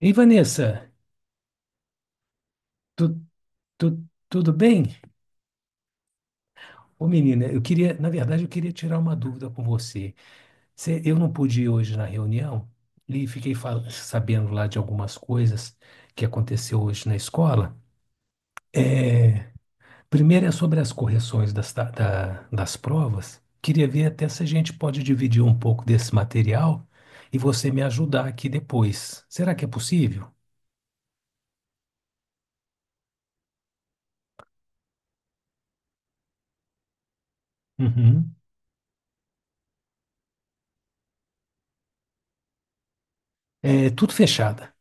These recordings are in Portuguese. Ei, Vanessa, tu- tudo bem? Ô, menina, eu queria, na verdade, eu queria tirar uma dúvida com você. Eu não pude ir hoje na reunião e fiquei sabendo lá de algumas coisas que aconteceu hoje na escola. Primeiro é sobre as correções das provas. Queria ver até se a gente pode dividir um pouco desse material e você me ajudar aqui depois. Será que é possível? Uhum. É tudo fechada.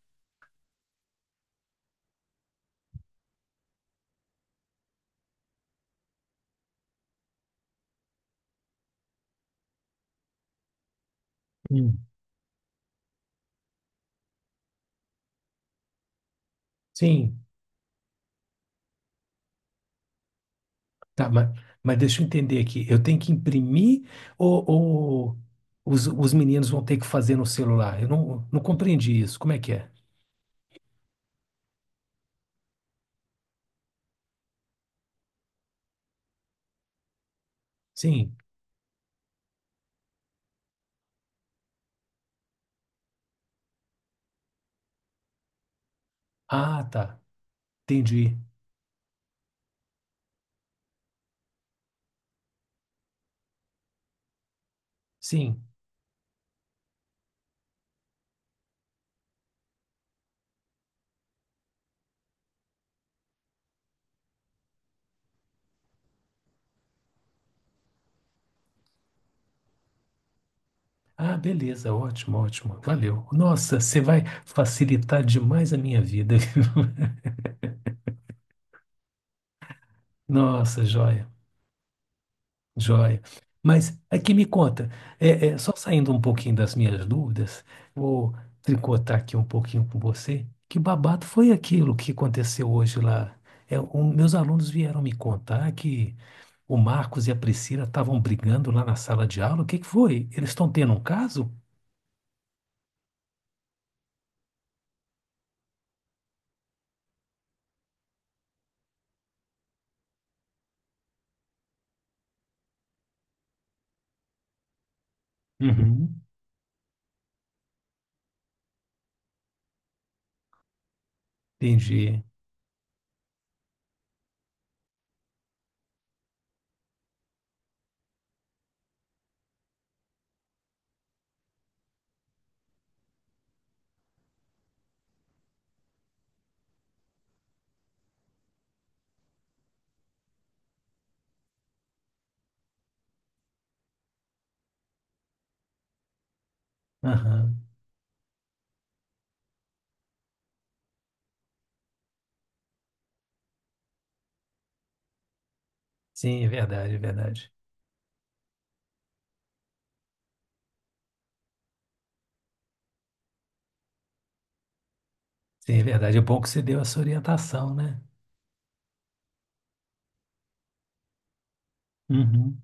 Hum. Sim. Tá, mas deixa eu entender aqui. Eu tenho que imprimir ou os meninos vão ter que fazer no celular? Eu não compreendi isso. Como é que é? Sim. Ah, tá. Entendi. Sim. Ah, beleza. Ótimo, ótimo. Valeu. Nossa, você vai facilitar demais a minha vida. Nossa, joia. Joia. Mas aqui me conta, só saindo um pouquinho das minhas dúvidas, vou tricotar aqui um pouquinho com você. Que babado foi aquilo que aconteceu hoje lá? Meus alunos vieram me contar que o Marcos e a Priscila estavam brigando lá na sala de aula. O que que foi? Eles estão tendo um caso? Uhum. Entendi. Aham. Sim, é verdade, é verdade. Sim, é verdade. É bom que você deu essa orientação, né? Uhum.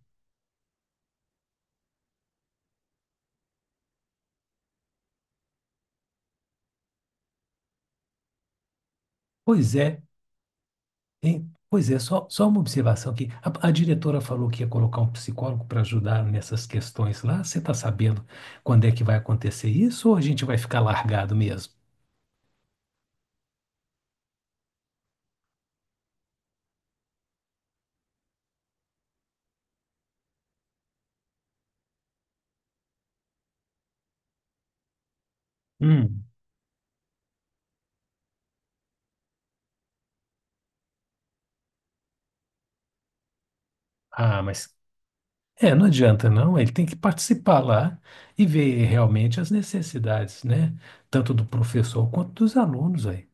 Pois é. Hein? Pois é, só uma observação aqui. A diretora falou que ia colocar um psicólogo para ajudar nessas questões lá. Você está sabendo quando é que vai acontecer isso ou a gente vai ficar largado mesmo? Hum. Ah, mas é, não adianta não. Ele tem que participar lá e ver realmente as necessidades, né? Tanto do professor quanto dos alunos aí.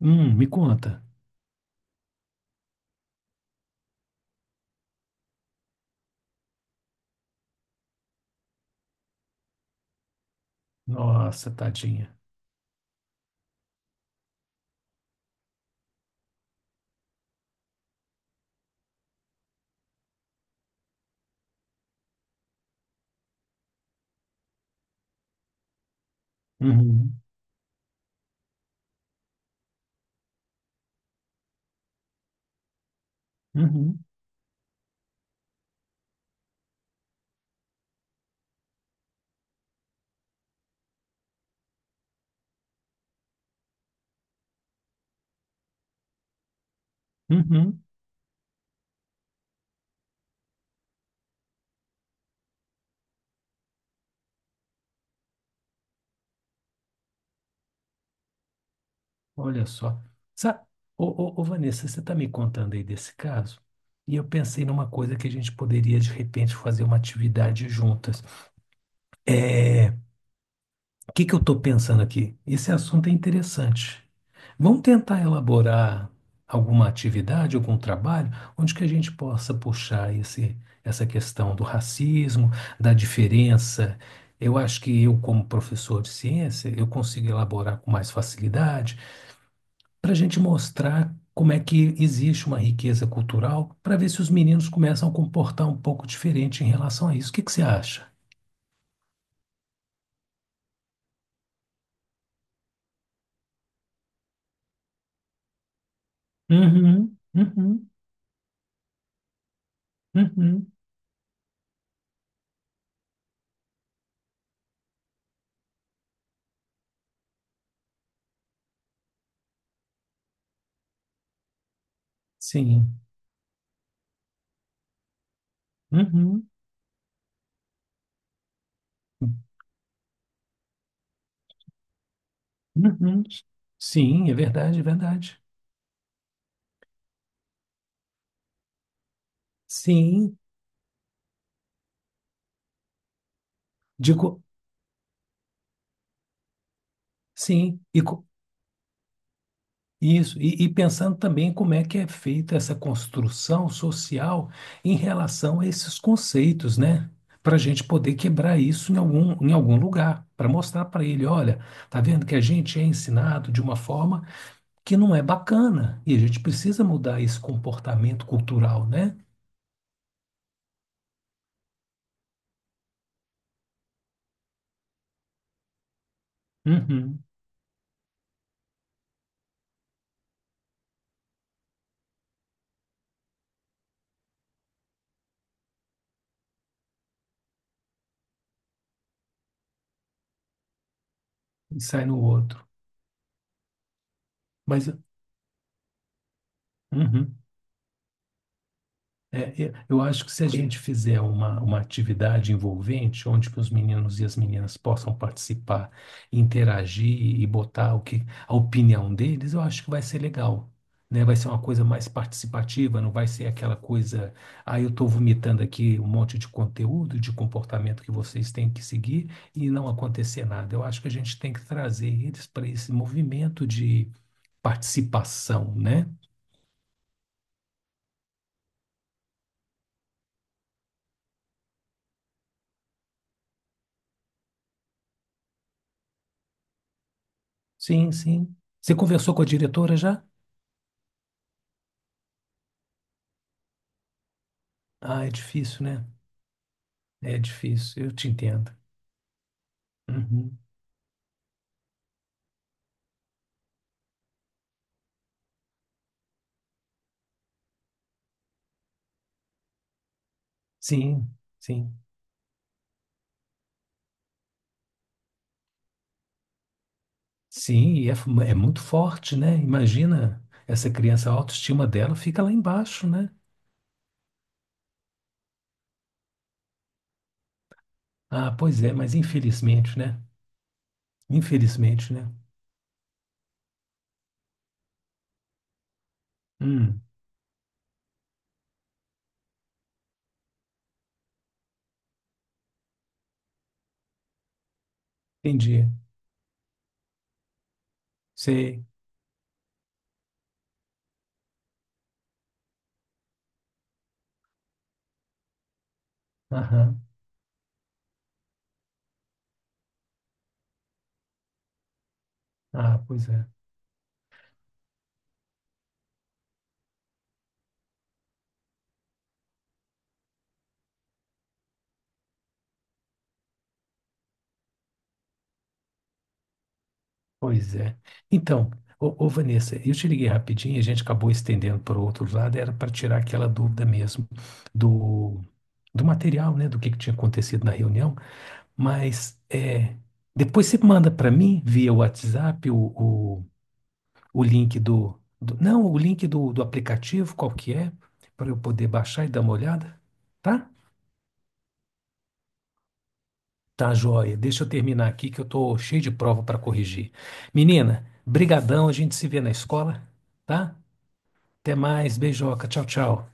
Me conta. Nossa, tadinha. Uhum, uhum, uhum. Olha só. Sa ô, ô, ô, Vanessa, você está me contando aí desse caso? E eu pensei numa coisa que a gente poderia, de repente, fazer uma atividade juntas. É, o que que eu estou pensando aqui? Esse assunto é interessante. Vamos tentar elaborar alguma atividade, algum trabalho, onde que a gente possa puxar essa questão do racismo, da diferença. Eu acho que eu, como professor de ciência, eu consigo elaborar com mais facilidade para a gente mostrar como é que existe uma riqueza cultural, para ver se os meninos começam a comportar um pouco diferente em relação a isso. O que que você acha? Uhum, uhum, uhum, sim, uhum, uhum. Sim, é verdade, é verdade. Sim, digo, sim. Isso, e pensando também como é que é feita essa construção social em relação a esses conceitos, né? Para a gente poder quebrar isso em em algum lugar, para mostrar para ele, olha, tá vendo que a gente é ensinado de uma forma que não é bacana, e a gente precisa mudar esse comportamento cultural, né? Uhum. E sai no outro. Mas, uhum. É, eu acho que se a gente fizer uma atividade envolvente, onde que os meninos e as meninas possam participar, interagir e botar o que, a opinião deles, eu acho que vai ser legal, né? Vai ser uma coisa mais participativa, não vai ser aquela coisa, ah, eu estou vomitando aqui um monte de conteúdo, de comportamento que vocês têm que seguir e não acontecer nada. Eu acho que a gente tem que trazer eles para esse movimento de participação, né? Sim, sim. Você conversou com a diretora já? Ah, é difícil, né? É difícil, eu te entendo. Uhum. Sim, sim. Sim, é muito forte, né? Imagina, essa criança, a autoestima dela fica lá embaixo, né? Ah, pois é, mas infelizmente, né? Infelizmente, né? Hum, entendi. Sei. Aham. Ah, pois é. Pois é. Então, ô, ô, Vanessa, eu te liguei rapidinho, a gente acabou estendendo para o outro lado, era para tirar aquela dúvida mesmo do, do material, né? Do que tinha acontecido na reunião. Mas é, depois você manda para mim via WhatsApp o link Não, o link do aplicativo, qual que é, para eu poder baixar e dar uma olhada, tá? Tá, joia. Deixa eu terminar aqui que eu tô cheio de prova para corrigir. Menina, brigadão, a gente se vê na escola, tá? Até mais, beijoca, tchau, tchau.